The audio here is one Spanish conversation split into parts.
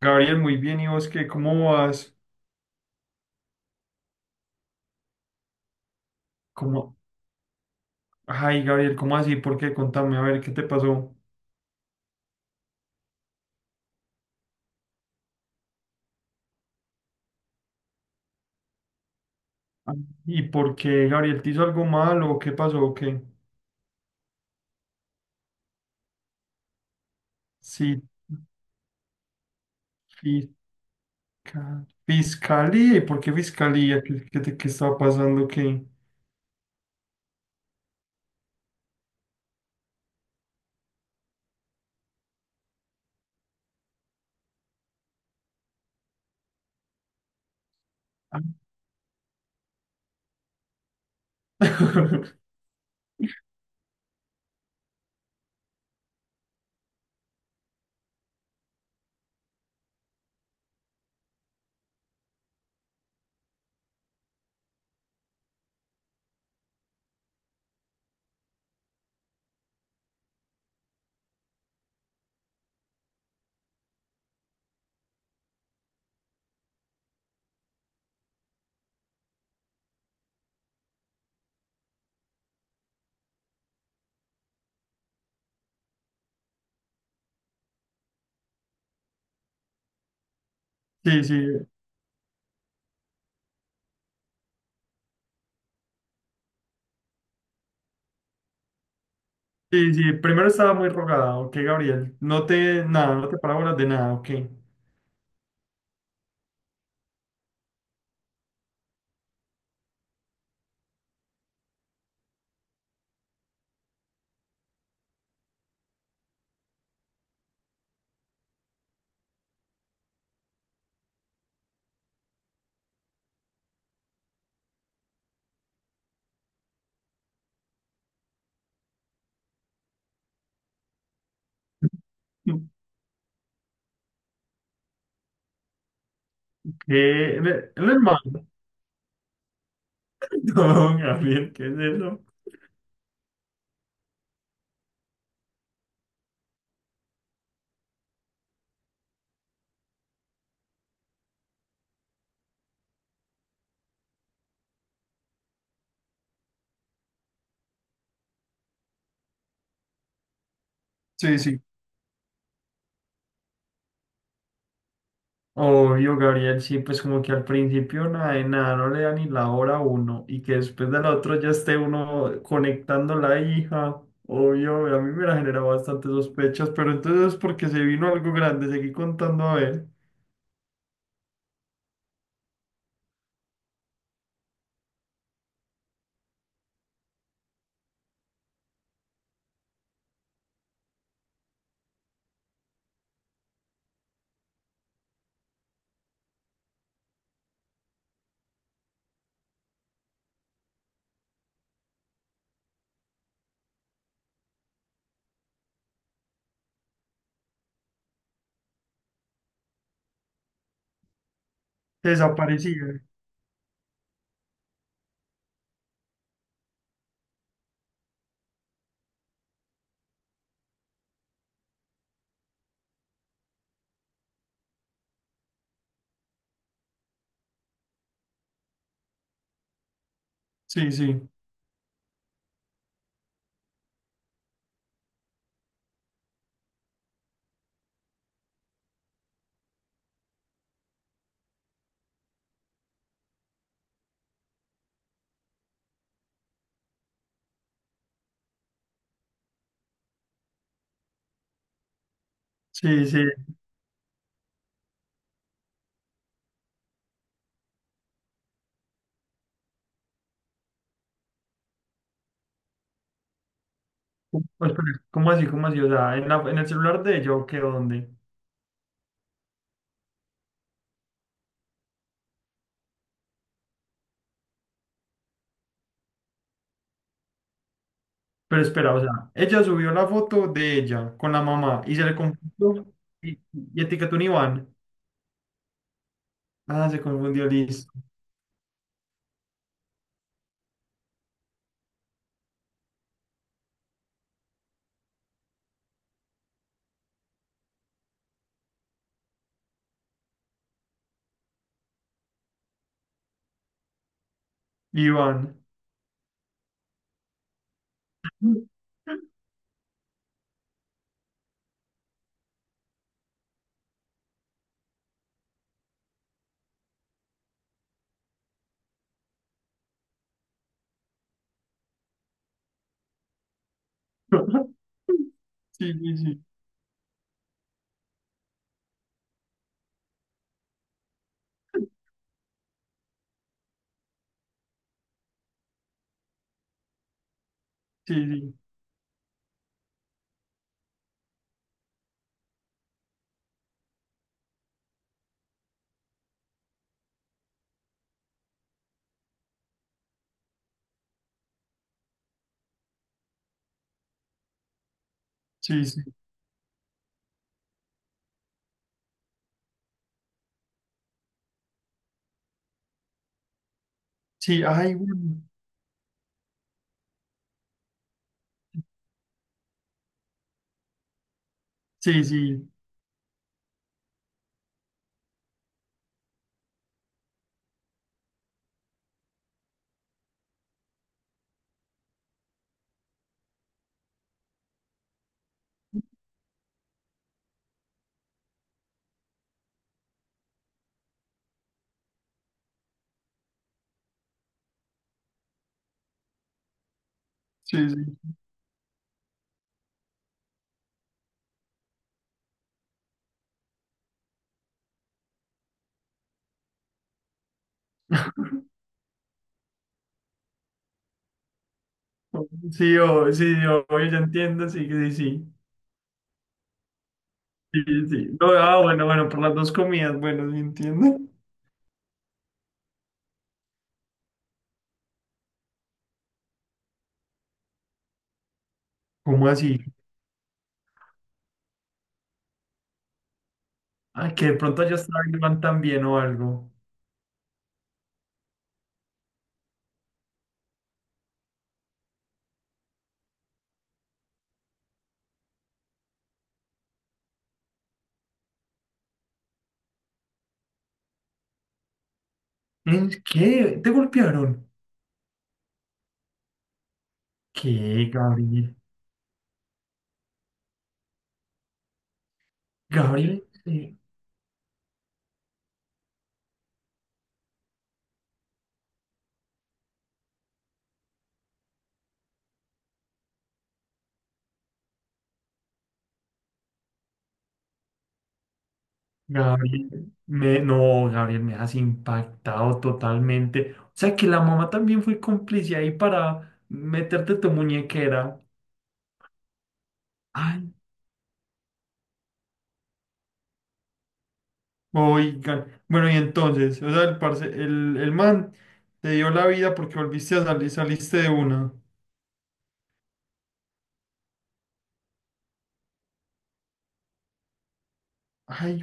Gabriel, muy bien. ¿Y vos qué? ¿Cómo vas? ¿Cómo? Ay, Gabriel, ¿cómo así? ¿Por qué? Contame, a ver, ¿qué te pasó? Ah, ¿y por qué, Gabriel, te hizo algo malo? ¿Qué pasó? ¿O qué? Sí, fisca- fiscalía. ¿Y por qué fiscalía? ¿Qué estaba pasando? ¿Qué? Ah, Sí, sí, sí. Primero estaba muy rogada, ¿ok, Gabriel? No te, nada, no te parábolas de nada, ¿ok? ¿Qué? ¿El hermano? No, Gabriel, ¿qué es eso? Sí, sí. Obvio, Gabriel, sí, pues como que al principio nada de nada, no le da ni la hora a uno y que después del otro ya esté uno conectando la hija. Obvio, a mí me la generaba bastante sospechas, pero entonces porque se vino algo grande, seguí contando a ver, se desaparecía. Sí, sí, sí. ¿Cómo espera, cómo así, cómo así? O sea, en el celular de ella o qué, dónde. Pero espera, o sea, ella subió la foto de ella con la mamá y se le confundió y etiquetó un Iván. Ah, se confundió, listo. Iván. Sí, sí, sí. Sí, sí, sí. Sí, ay, bueno. Sí, sí, sí. Oh, sí, oh, sí, sí, oh, ya entiendo, sí, sí, sí. Sí, sí, sí. No, ah, bueno, bueno, por las dos comidas, bueno, sí entiendo. ¿Cómo así? Ah, que de pronto ya estaba Iván también o algo. ¿En qué? ¿Te golpearon? ¿Qué, Gabriel? Gabriel, sí. Gabriel, me, no, Gabriel, me has impactado totalmente. O sea que la mamá también fue cómplice ahí para meterte tu muñequera. Ay, oigan. Bueno, y entonces, o sea, el man te dio la vida porque volviste a salir, saliste de una. Ay,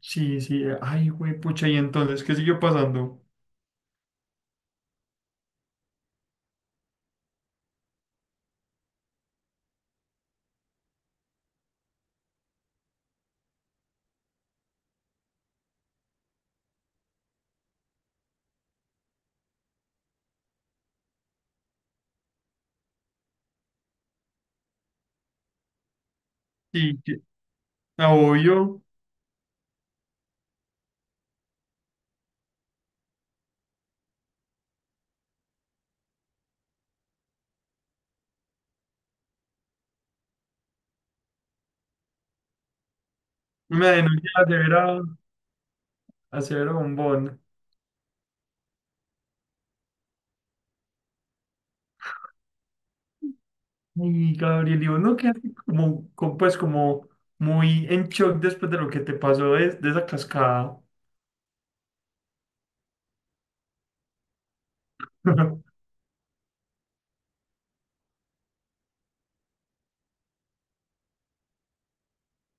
sí, sí, ay, güey, pucha, y entonces, ¿qué siguió pasando? Sí, ah, obvio, me denuncia a Severa, a Severo Bombón. Y Gabriel, digo, no quedaste como, como, pues como muy en shock después de lo que te pasó de esa cascada.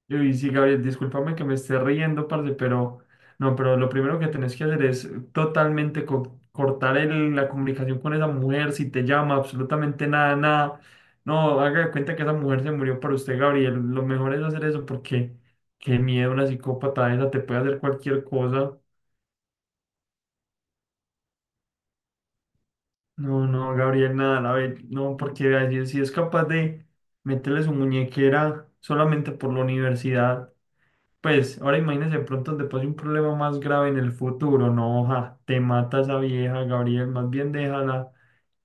Y sí, Gabriel, discúlpame que me esté riendo, parce, pero no, pero lo primero que tenés que hacer es totalmente cortar la comunicación con esa mujer, si te llama, absolutamente nada, nada. No, haga de cuenta que esa mujer se murió por usted, Gabriel. Lo mejor es hacer eso porque qué miedo, una psicópata esa te puede hacer cualquier cosa. No, no, Gabriel, nada, la ve, no, porque así, si es capaz de meterle su muñequera solamente por la universidad, pues ahora imagínese de pronto donde pase un problema más grave en el futuro, no, ja, te mata esa vieja, Gabriel, más bien déjala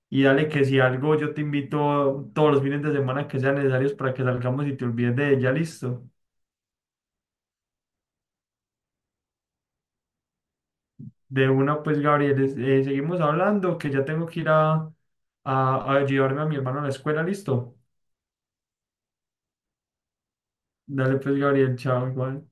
y dale que si algo yo te invito todos los fines de semana que sean necesarios para que salgamos y te olvides de ella, listo. De una, pues, Gabriel, seguimos hablando, que ya tengo que ir a, a llevarme a mi hermano a la escuela, listo. Dale, pues, Gabriel, chao, igual.